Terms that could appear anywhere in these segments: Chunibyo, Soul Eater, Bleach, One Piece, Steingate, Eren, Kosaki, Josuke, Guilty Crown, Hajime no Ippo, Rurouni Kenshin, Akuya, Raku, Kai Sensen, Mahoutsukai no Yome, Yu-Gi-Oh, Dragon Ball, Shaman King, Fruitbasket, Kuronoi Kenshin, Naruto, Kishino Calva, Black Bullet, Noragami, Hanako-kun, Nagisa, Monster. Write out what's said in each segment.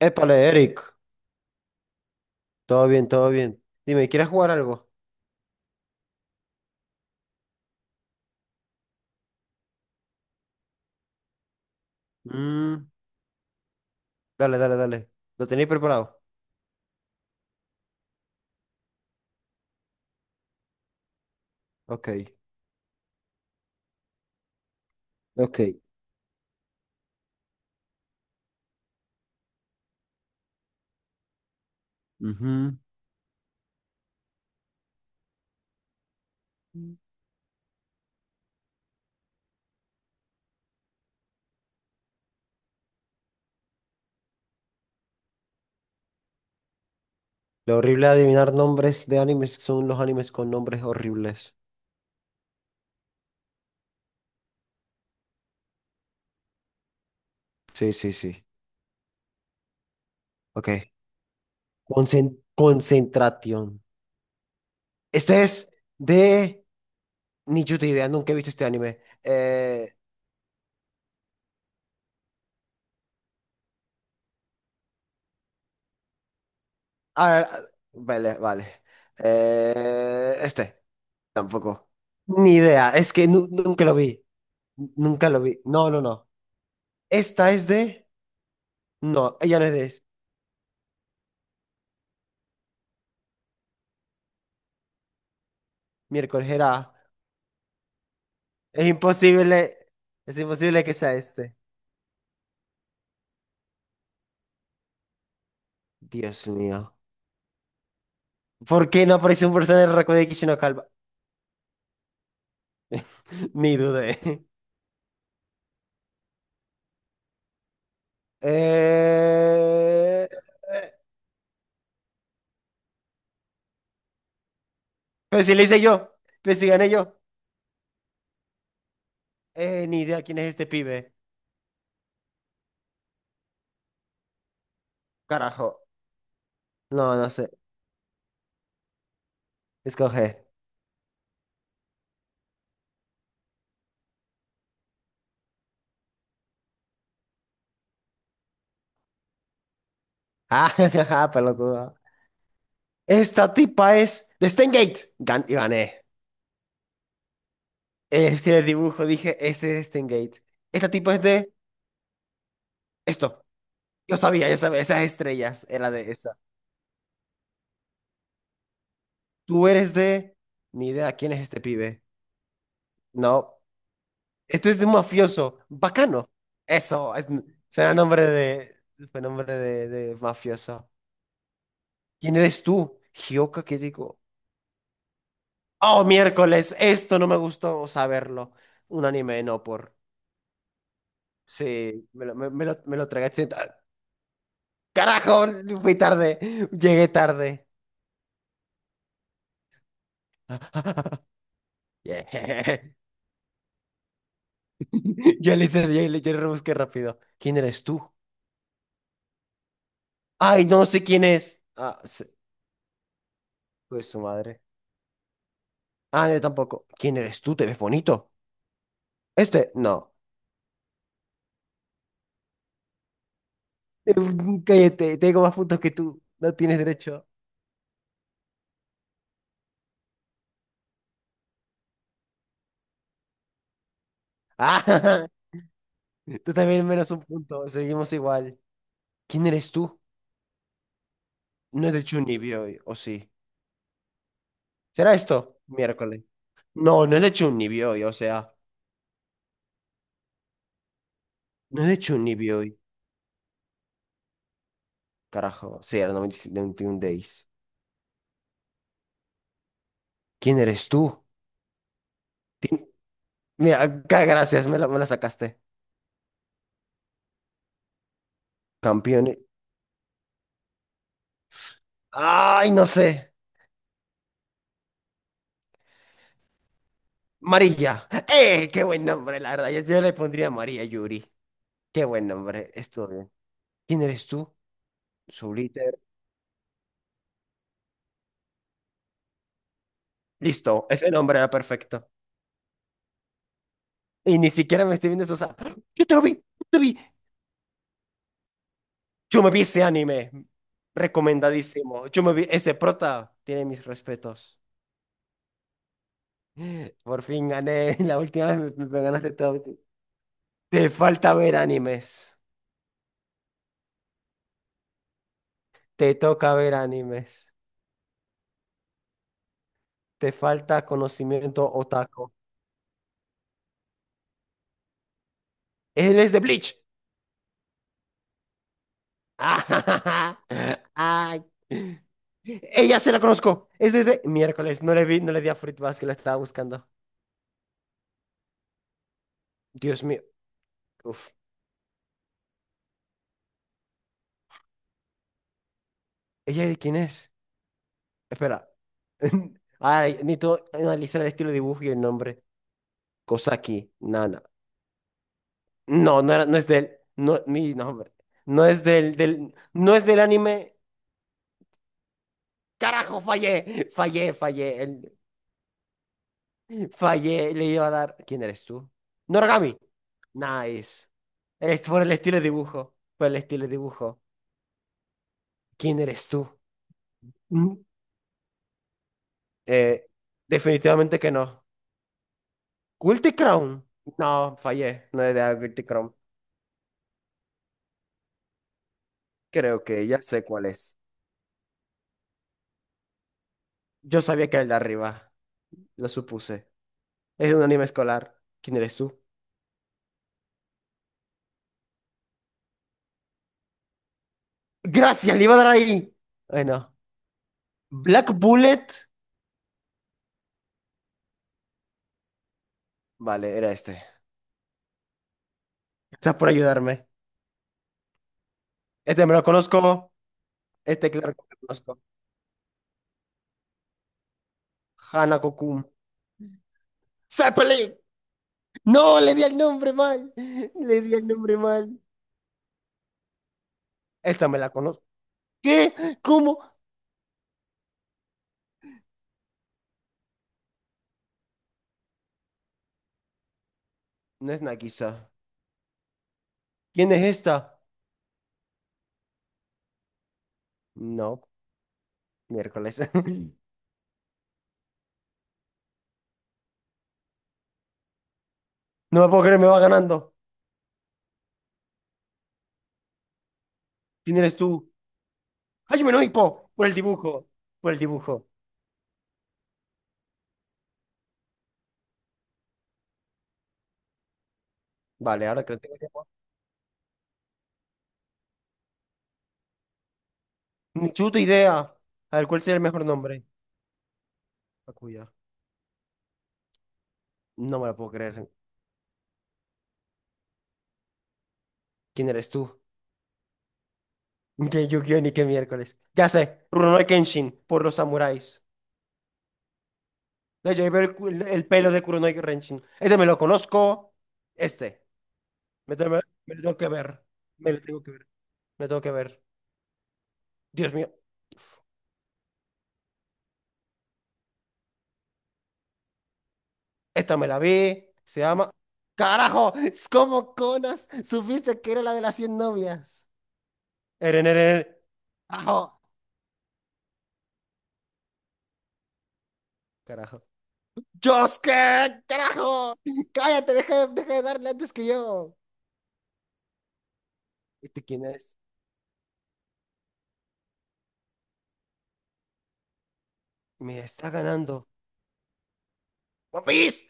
Épale, Eric. Todo bien, todo bien. Dime, ¿quieres jugar algo? Mm, dale. ¿Lo tenéis preparado? Ok. Ok. Ujú. Lo horrible de adivinar nombres de animes son los animes con nombres horribles. Sí, sí, sí. Ok. Concentración. Este es de... Ni yo te idea, nunca he visto este anime. Ah, vale. Eh, Este, Tampoco. Ni idea, es que nunca lo vi. Nunca lo vi. No, no, no. Esta es de. No, ella no es de miércoles. Era. Es imposible. Es imposible que sea este. Dios mío. ¿Por qué no aparece un personaje de Raku de Kishino Calva? Ni dudé. Eh... Pero si le hice yo. Pero si gané yo. Ni idea quién es este pibe. Carajo. No, no sé. Escoge. Ah, pelotudo. Esta tipa es de Steingate. Gané. El estilo de dibujo, dije, ese es Stengate. Este tipo es de esto. Yo sabía, esas estrellas era de esa. Tú eres de... Ni idea, ¿quién es este pibe? No. Esto es de un mafioso. Bacano. Eso, es... suena nombre de... fue nombre de, mafioso. ¿Quién eres tú? Hioka, ¿qué digo? Oh, miércoles, esto no me gustó saberlo. Un anime, no por... Sí, me lo tragué. ¡Ah! Carajo, fui tarde. Llegué tarde. Yeah. Yo le hice, yo le rebusqué rápido. ¿Quién eres tú? Ay, no sé quién es. Pues su madre. Ah, yo tampoco. ¿Quién eres tú? ¿Te ves bonito? Este, no. Eh, Cállate, tengo más puntos que tú. No tienes derecho. Ah, tú también menos un punto. Seguimos igual. ¿Quién eres tú? No es de Chunibyo, o sí. ¿Será esto? Miércoles. No, no es de Chunibyo, o sea. No es de Chunibyo, carajo. Sí, era 95, 91 days. ¿Quién eres tú? Mira, gracias, me la sacaste. Campeón. Ay, no sé. María. ¡Eh! Qué buen nombre, la verdad. Yo le pondría María Yuri. Qué buen nombre. Estuvo bien. ¿Quién eres tú? Soul Eater. Listo, ese nombre era perfecto. Y ni siquiera me estoy viendo eso. O sea, yo te lo vi, yo te vi. Yo me vi ese anime. Recomendadísimo. Yo me vi ese prota. Tiene mis respetos. Por fin gané. La última vez me ganaste todo. Te falta ver animes. Te toca ver animes. Te falta conocimiento otaku. Él es de Bleach. Ay. Ella se la conozco. Es desde miércoles. No le vi, no le di a Fruitbasket que la estaba buscando. Dios mío. Uf. ¿Ella de quién es? Espera. Ay, necesito analizar el estilo de dibujo y el nombre. Kosaki, Nana. No, no era, no es del. No, mi nombre. No es del. No es del anime. Carajo, fallé. Fallé. Fallé, le iba a dar. ¿Quién eres tú? Noragami. Nice. Es por el estilo de dibujo. Por el estilo de dibujo. ¿Quién eres tú? Mm, eh, definitivamente que no. Guilty Crown. No, fallé. No le di Guilty Crown. Creo que ya sé cuál es. Yo sabía que era el de arriba. Lo supuse. Es un anime escolar. ¿Quién eres tú? Gracias, le iba a dar ahí. Bueno. Black Bullet. Vale, era este. Gracias por ayudarme. Este me lo conozco. Este claro que me lo conozco. Hanako-kun. ¡Zeppelin! ¡No! Le di el nombre mal. Le di el nombre mal. Esta me la conozco. ¿Qué? ¿Cómo? No es Nagisa. ¿Quién es esta? No, miércoles. No me puedo creer, me va ganando. ¿Quién eres tú? ¡Hajime no Ippo! Por el dibujo. Por el dibujo. Vale, ahora que lo tengo tiempo. Ni chuta idea. A ver, ¿cuál sería el mejor nombre? Akuya. No me la puedo creer. ¿Quién eres tú? Ni que Yu-Gi-Oh! Ni que miércoles. Ya sé. Rurouni Kenshin. Por los samuráis. No, yo iba el, el pelo de Kuronoi Kenshin. Este me lo conozco. Este. Me, te- me- me lo tengo que ver. Me lo tengo que ver. Me lo tengo que ver. Dios mío. Esta me la vi. Se llama. ¡Carajo! Es como Conas. Supiste que era la de las 100 novias. Eren, eren. Carajo. Carajo. ¡Josuke! ¡Carajo! ¡Cállate! Deja de darle antes que yo. ¿Este quién es? Me está ganando. ¡One Piece!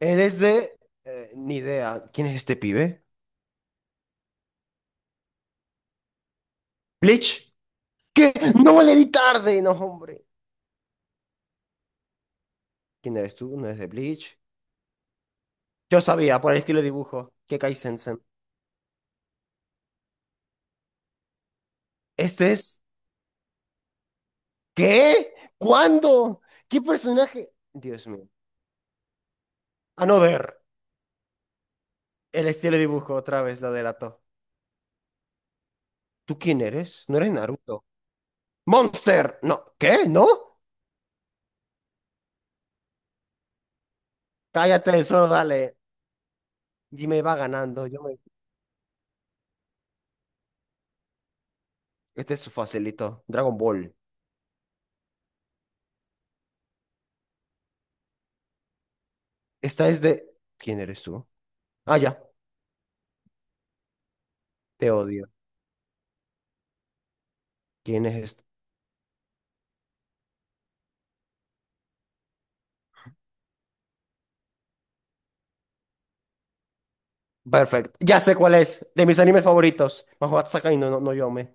Él es de. Ni idea. ¿Quién es este pibe? Bleach. ¿Qué? No le di tarde, no, hombre. ¿Quién eres tú? ¿No eres de Bleach? Yo sabía, por el estilo de dibujo, que Kai Sensen. ¿Este es? ¿Qué? ¿Cuándo? ¿Qué personaje? Dios mío. A no ver. El estilo de dibujo otra vez lo delató. ¿Tú quién eres? No eres Naruto. ¡Monster! No. ¿Qué? ¿No? Cállate, solo dale. Dime, va ganando. Yo me... Este es su facilito. Dragon Ball. Esta es de... ¿Quién eres tú? Ah, ya. Te odio. ¿Quién es Perfecto. Ya sé cuál es. De mis animes favoritos. Mahoutsukai no Yome.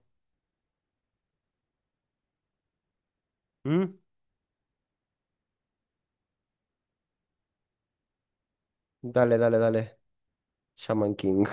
¿Mm? Dale. Shaman King.